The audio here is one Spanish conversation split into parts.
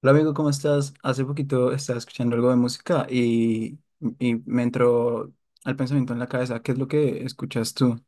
Hola amigo, ¿cómo estás? Hace poquito estaba escuchando algo de música y me entró al pensamiento en la cabeza, ¿qué es lo que escuchas tú?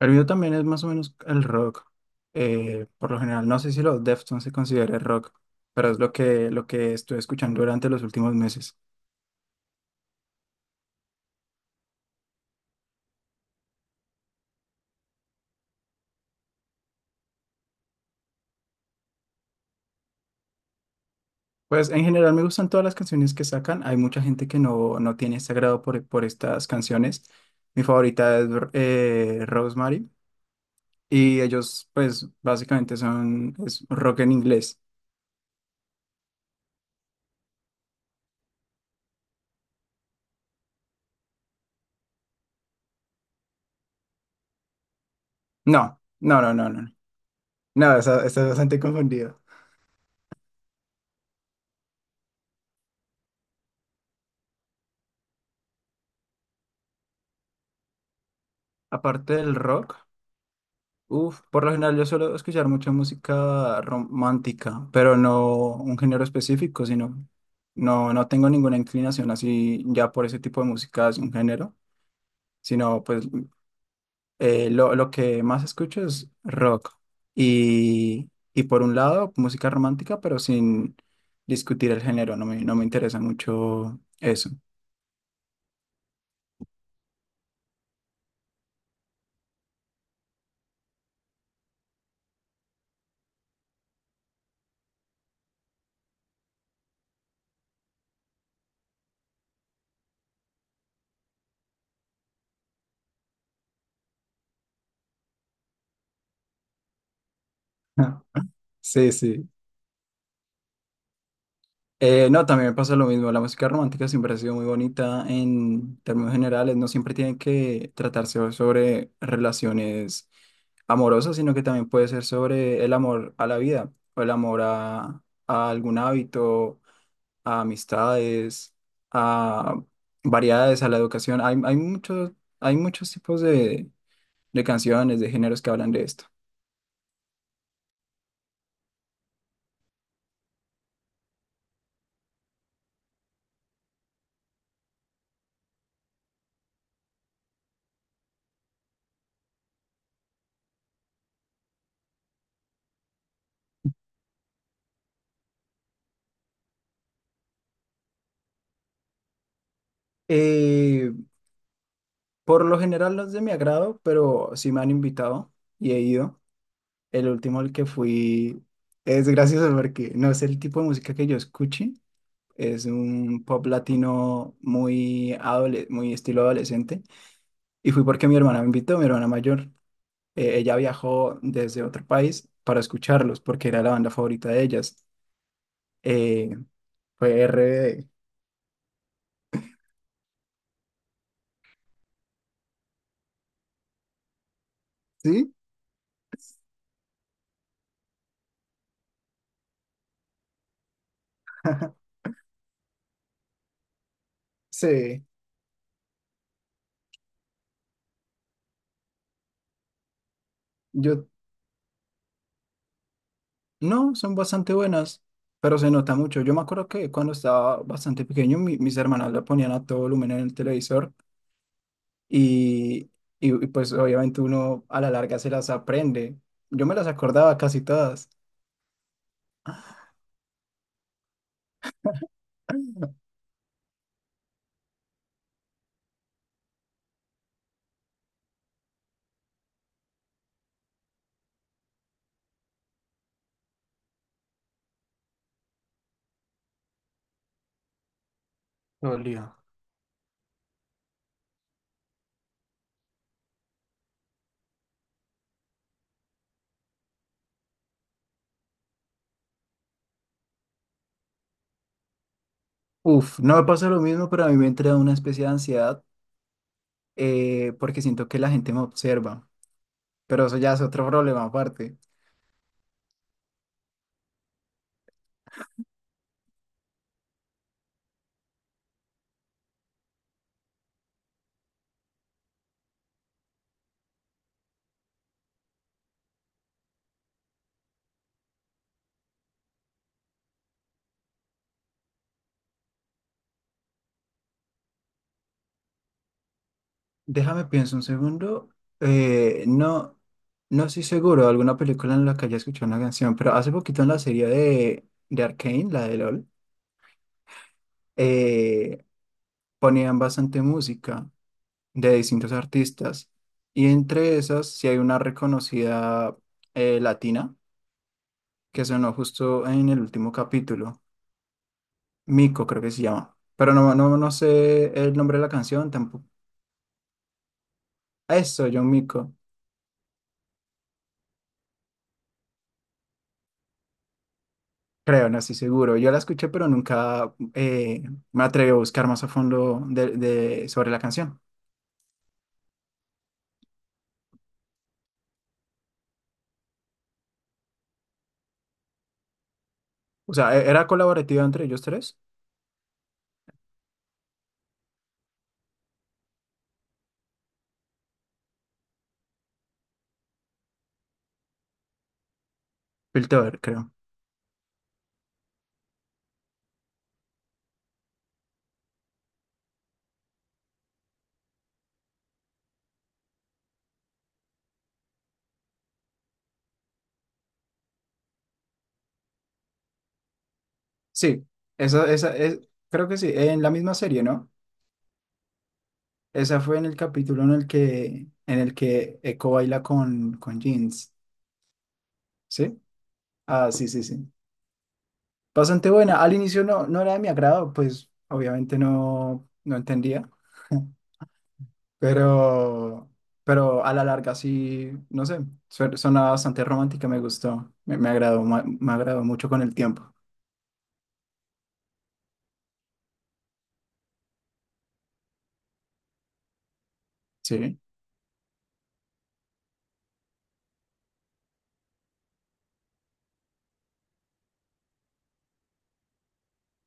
El mío también es más o menos el rock. Por lo general, no sé si los Deftones se considera rock, pero es lo que estuve escuchando durante los últimos meses. Pues en general me gustan todas las canciones que sacan. Hay mucha gente que no, no tiene ese agrado por estas canciones. Mi favorita es Rosemary, y ellos pues básicamente son es rock en inglés. No, no, no, no, no. No, estás bastante confundido. Aparte del rock, por lo general yo suelo escuchar mucha música romántica, pero no un género específico, sino no, no tengo ninguna inclinación así ya por ese tipo de música es un género, sino pues lo que más escucho es rock. Y por un lado, música romántica, pero sin discutir el género, no me, no me interesa mucho eso. Sí, sí. No, también me pasa lo mismo. La música romántica siempre ha sido muy bonita en términos generales. No siempre tiene que tratarse sobre relaciones amorosas, sino que también puede ser sobre el amor a la vida o el amor a algún hábito, a amistades, a variedades, a la educación. Hay muchos tipos de canciones, de géneros que hablan de esto. Eh, por lo general no es de mi agrado, pero sí me han invitado y he ido. El último al que fui es gracioso porque no es el tipo de música que yo escuché. Es un pop latino muy, muy estilo adolescente. Y fui porque mi hermana me invitó, mi hermana mayor. Ella viajó desde otro país para escucharlos porque era la banda favorita de ellas. Eh, Fue RBD. Sí, sí. Yo no, son bastante buenas, pero se nota mucho. Yo me acuerdo que cuando estaba bastante pequeño, mis hermanas lo ponían a todo volumen en el televisor y, y pues obviamente uno a la larga se las aprende. Yo me las acordaba casi todas. Dolió. Uf, no me pasa lo mismo, pero a mí me entra una especie de ansiedad porque siento que la gente me observa, pero eso ya es otro problema aparte. Déjame pienso un segundo. No, no estoy seguro de alguna película en la que haya escuchado una canción, pero hace poquito en la serie de Arcane, la de LOL, eh, ponían bastante música de distintos artistas. Y entre esas, sí hay una reconocida latina que sonó justo en el último capítulo. Mico, creo que se llama. Pero no, no, no sé el nombre de la canción tampoco. Eso, John Mico. Creo, no estoy seguro. Yo la escuché, pero nunca me atreví a buscar más a fondo sobre la canción. O sea, era colaborativa entre ellos tres. Piltover, creo. Sí, esa es, creo que sí, en la misma serie, ¿no? Esa fue en el capítulo en el que Echo baila con Jeans, ¿sí? Ah, sí, sí, sí. Bastante buena. Al inicio no, no era de mi agrado, pues obviamente no, no entendía. Pero, pero a la larga sí, no sé, suena bastante romántica, me gustó, me agradó, agradó mucho con el tiempo. Sí.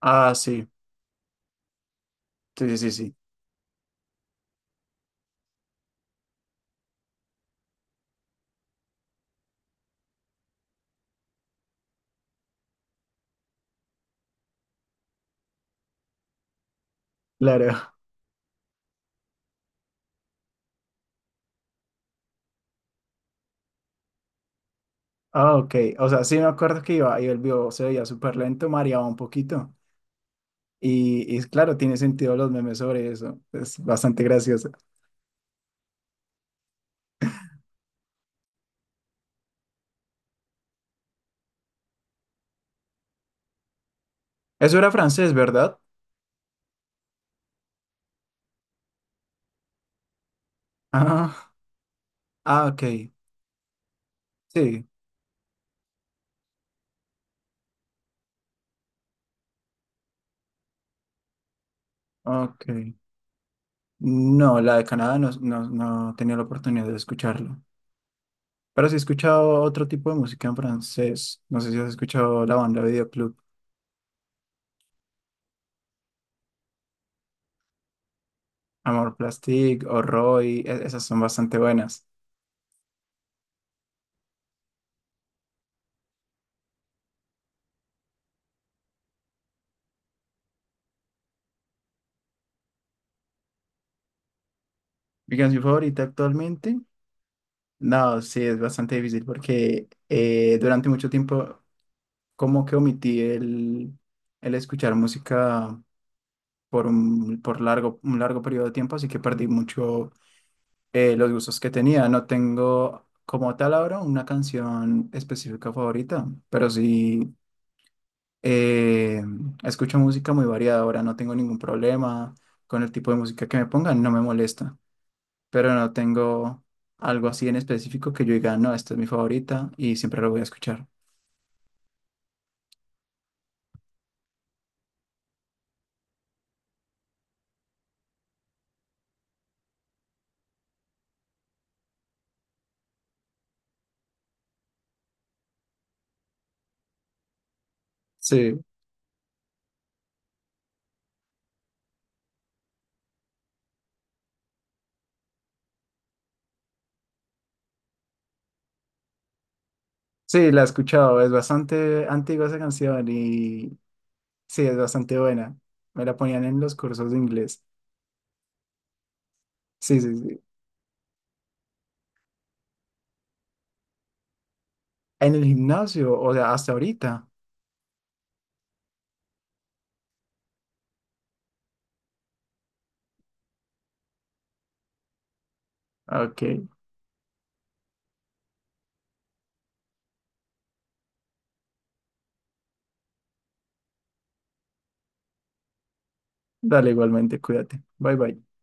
Ah, sí, sí, sí, sí, sí, claro. Ah, ok, o sea, sí me acuerdo que iba y el video se veía súper lento, mareaba un poquito. Y claro, tiene sentido los memes sobre eso, es bastante gracioso. Eso era francés, ¿verdad? Ah, ah, ok, sí, ok. No, la de Canadá no, no, no tenía la oportunidad de escucharlo. Pero sí he escuchado otro tipo de música en francés. No sé si has escuchado la banda Videoclub, Amor Plastique o Roy. Esas son bastante buenas. Mi canción favorita actualmente, no, sí, es bastante difícil porque durante mucho tiempo como que omití el escuchar música por un, por largo, un largo periodo de tiempo, así que perdí mucho los gustos que tenía. No tengo como tal ahora una canción específica favorita, pero sí. Eh, Escucho música muy variada ahora, no tengo ningún problema con el tipo de música que me pongan, no me molesta, pero no tengo algo así en específico que yo diga, no, esta es mi favorita y siempre la voy a escuchar. Sí, sí, la he escuchado, es bastante antigua esa canción y sí, es bastante buena. Me la ponían en los cursos de inglés. Sí, sí, sí. En el gimnasio, o sea, hasta ahorita. Ok, dale igualmente, cuídate. Bye, bye.